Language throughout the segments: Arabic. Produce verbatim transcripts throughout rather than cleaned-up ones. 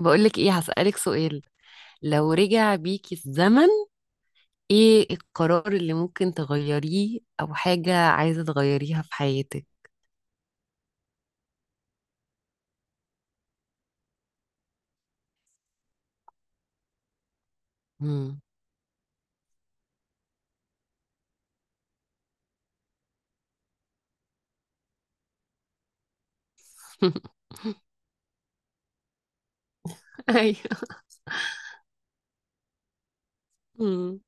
بقولك ايه، هسألك سؤال. لو رجع بيكي الزمن، ايه القرار اللي ممكن تغيريه او حاجة عايزة تغيريها في حياتك؟ مم. ايوه. مم.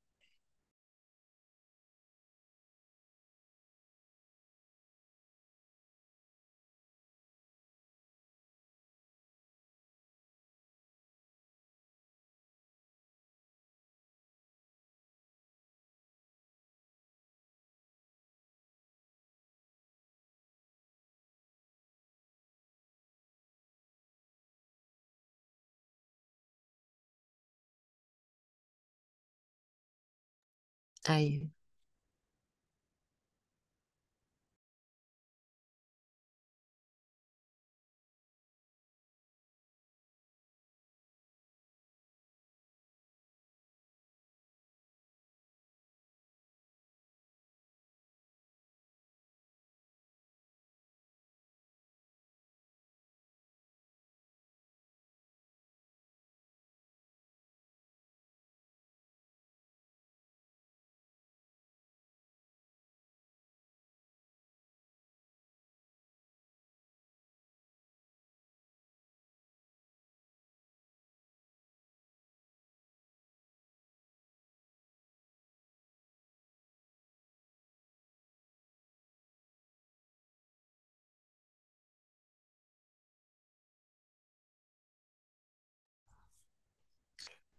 ايوه،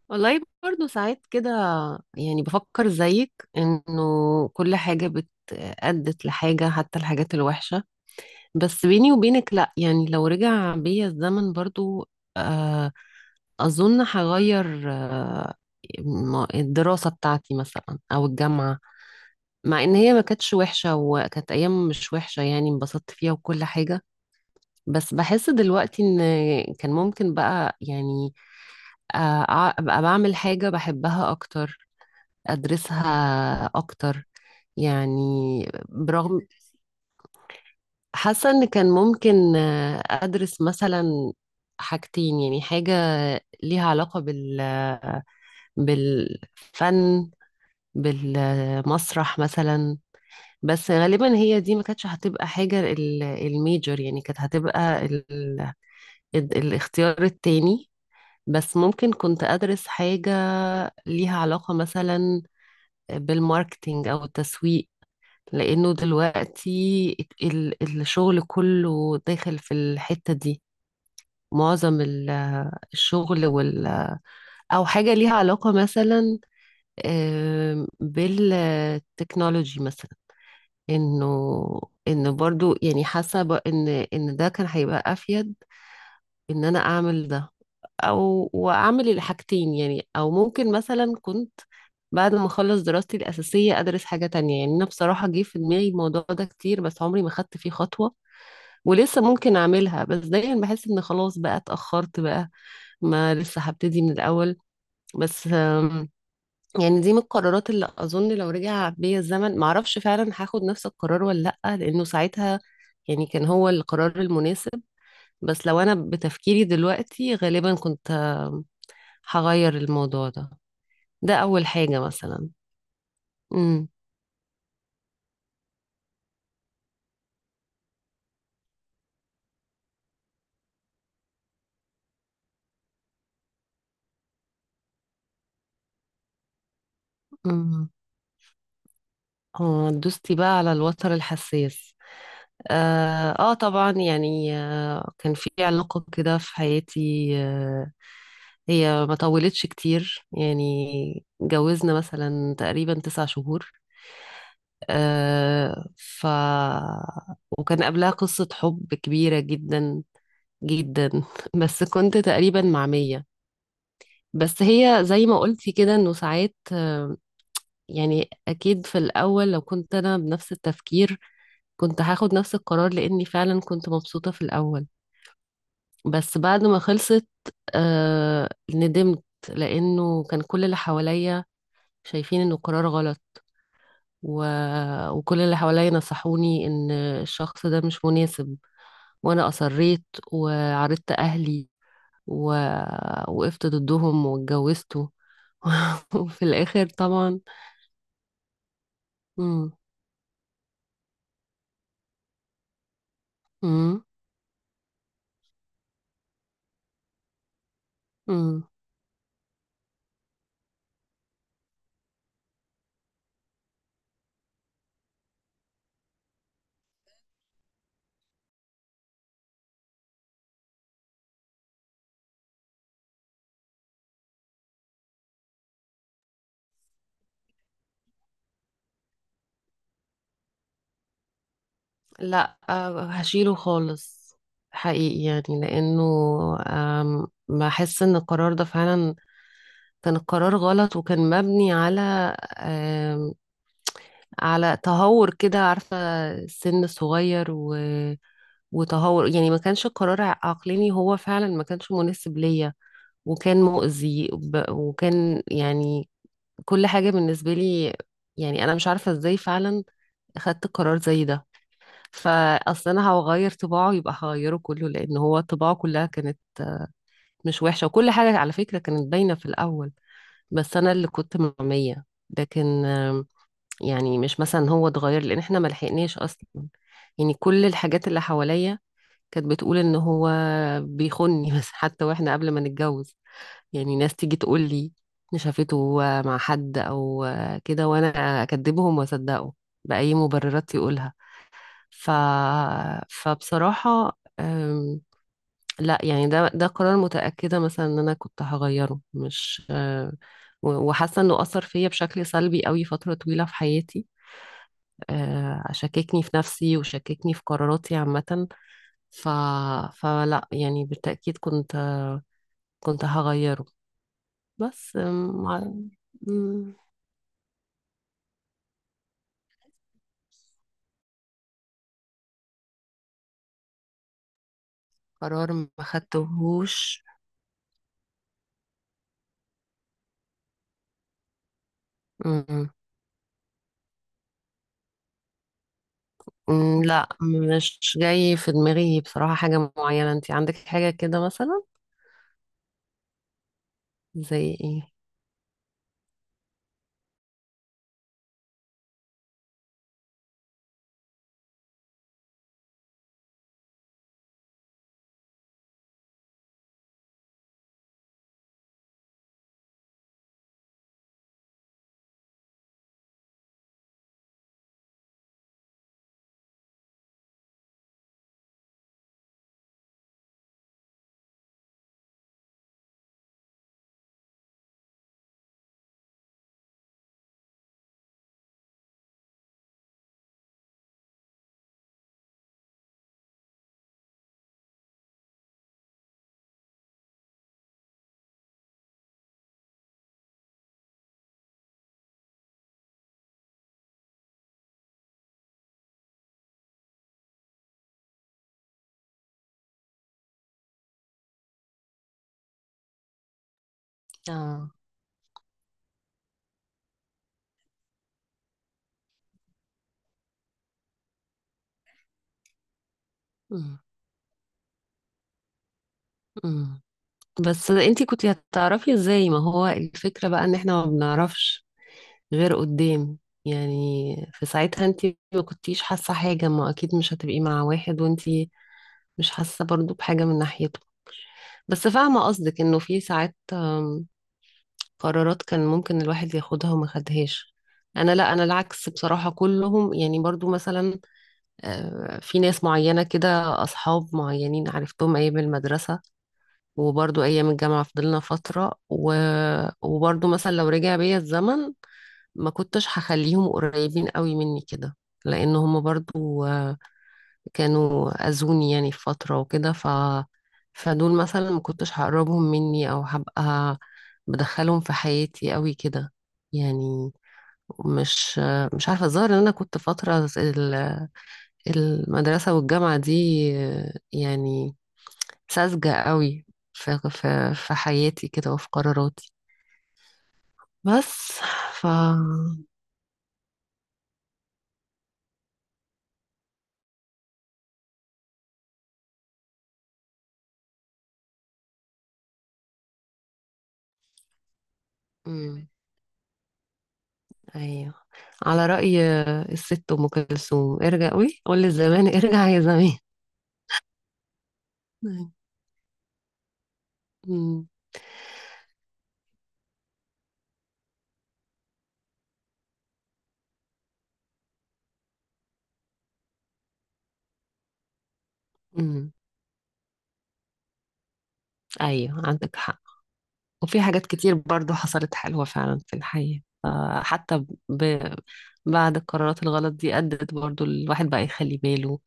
والله برضو ساعات كده، يعني بفكر زيك انه كل حاجة بت أدت لحاجة، حتى الحاجات الوحشة. بس بيني وبينك لا، يعني لو رجع بيا الزمن برضو آه، أظن هغير آه، م- الدراسة بتاعتي مثلا أو الجامعة. مع إن هي ما كانتش وحشة، وكانت أيام مش وحشة، يعني انبسطت فيها وكل حاجة. بس بحس دلوقتي إن كان ممكن بقى يعني آه، أع- أبقى بعمل حاجة بحبها أكتر، أدرسها أكتر يعني. برغم، حاسة إن كان ممكن آه، أدرس مثلا حاجتين، يعني حاجة ليها علاقة بال بالفن بالمسرح مثلا. بس غالبا هي دي ما كانتش هتبقى حاجة ال- الميجر، يعني كانت هتبقى ال... ال- الاختيار التاني. بس ممكن كنت أدرس حاجة ليها علاقة مثلا بالماركتينج أو التسويق، لأنه دلوقتي ال... الشغل كله داخل في الحتة دي، معظم ال- الشغل وال... أو حاجة ليها علاقة مثلا، آم، بالتكنولوجي مثلا. انه ان برضو يعني حاسه ب- ان ان ده كان هيبقى افيد، ان انا اعمل ده، او واعمل الحاجتين. يعني او ممكن مثلا كنت بعد ما اخلص دراستي الاساسيه ادرس حاجه تانية. يعني انا بصراحه جه في دماغي الموضوع ده كتير، بس عمري ما خدت فيه خطوه، ولسه ممكن اعملها، بس دايما بحس ان خلاص بقى اتاخرت بقى، ما لسه هبتدي من الاول. بس يعني دي من القرارات اللي اظن لو رجع بيا الزمن معرفش فعلا هاخد نفس القرار ولا لا، لانه ساعتها يعني كان هو القرار المناسب. بس لو انا بتفكيري دلوقتي غالبا كنت آه، هغير الموضوع ده. ده اول حاجة مثلا. امم. امم، اه دوستي بقى على الوتر الحساس. اه, آه طبعا، يعني آه كان في علاقة كده في حياتي. آه، هي ما طولتش كتير، يعني اتجوزنا مثلا تقريبا تسع شهور. آه ف وكان قبلها قصة حب كبيرة جدا جدا. بس كنت تقريبا مع مية. بس هي زي ما قلتي كده انه ساعات آه، يعني اكيد في الاول لو كنت انا بنفس التفكير كنت هاخد نفس القرار، لاني فعلا كنت مبسوطة في الاول. بس بعد ما خلصت آه، ندمت لانه كان كل اللي حواليا شايفين انه قرار غلط، و... وكل اللي حواليا نصحوني ان الشخص ده مش مناسب، وانا اصريت وعرضت اهلي ووقفت ضدهم واتجوزته. وفي الاخر طبعا. مم. مم. مم. لا آه، هشيله خالص حقيقي، يعني لانه آم، بحس ان القرار ده فعلا كان القرار غلط، وكان مبني على آم، على تهور كده، عارفة، السن الصغير و وتهور، يعني ما كانش القرار عقلاني، هو فعلا ما كانش مناسب ليا، وكان مؤذي وب- وكان يعني كل حاجة بالنسبة لي. يعني أنا مش عارفة إزاي فعلا خدت قرار زي ده. فأصل أنا هغير طباعه يبقى هغيره كله، لأن هو طباعه كلها كانت مش وحشة، وكل حاجة على فكرة كانت باينة في الأول، بس أنا اللي كنت معمية. لكن آم، يعني مش مثلا هو اتغير، لأن إحنا ملحقناش أصلا. يعني كل الحاجات اللي حواليا كانت بتقول إن هو بيخوني. بس حتى وإحنا قبل ما نتجوز يعني ناس تيجي تقول لي ان شافته مع حد او كده، وانا اكذبهم واصدقه باي مبررات يقولها. ف... فبصراحه أم، لا يعني ده ده قرار متاكده مثلا ان انا كنت هغيره، مش أه، و- وحاسه انه اثر فيا بشكل سلبي قوي فتره طويله في حياتي. أه، شككني في نفسي وشككني في قراراتي عامه. ف... فلا يعني بالتاكيد كنت كنت هغيره. بس أم، مع- قرار ما خدتهوش. مم. مم، لا مش جاي في دماغي بصراحة حاجة معينة. انت عندك حاجة كده مثلا، زي ايه؟ اه. مم. مم. بس انت كنت هتعرفي ازاي؟ ما هو الفكرة بقى ان احنا ما بنعرفش غير قدام يعني. في ساعتها انت ما كنتيش حاسة حاجة، ما اكيد مش هتبقي مع واحد وانت مش حاسة برضو بحاجة من ناحيته. بس فاهمة قصدك انه في ساعات قرارات كان ممكن الواحد ياخدها وما خدهاش. انا لا، انا العكس بصراحة كلهم، يعني برضو مثلا آه، في ناس معينة كده، اصحاب معينين عرفتهم ايام المدرسة، وبرضو ايام الجامعة فضلنا فترة و... وبرضو مثلا لو رجع بيا الزمن ما كنتش هخليهم قريبين قوي مني كده، لان هم برضو كانوا أذوني يعني في فترة وكده. ف فدول مثلا ما كنتش هقربهم مني أو هبقى بدخلهم في حياتي قوي كده. يعني مش مش عارفة، الظاهر إن أنا كنت فترة ال- المدرسة والجامعة دي يعني ساذجة قوي في في في حياتي كده وفي قراراتي. بس ف، مم. أيوه، على رأي الست أم كلثوم، ارجع قوي، قول للزمان ارجع يا زمان. مم. مم. ايوه عندك حق، وفي حاجات كتير برضو حصلت حلوة فعلا في الحياة آه، حتى ب... بعد القرارات الغلط دي أدت برضو الواحد بقى يخلي باله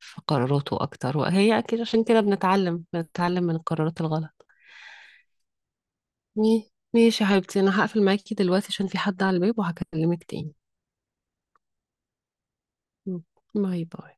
في قراراته أكتر، وهي أكيد عشان كده بنتعلم، بنتعلم من القرارات الغلط. مي- ماشي يا حبيبتي، أنا هقفل معاكي دلوقتي عشان في حد على الباب، وهكلمك تاني. مم. باي باي.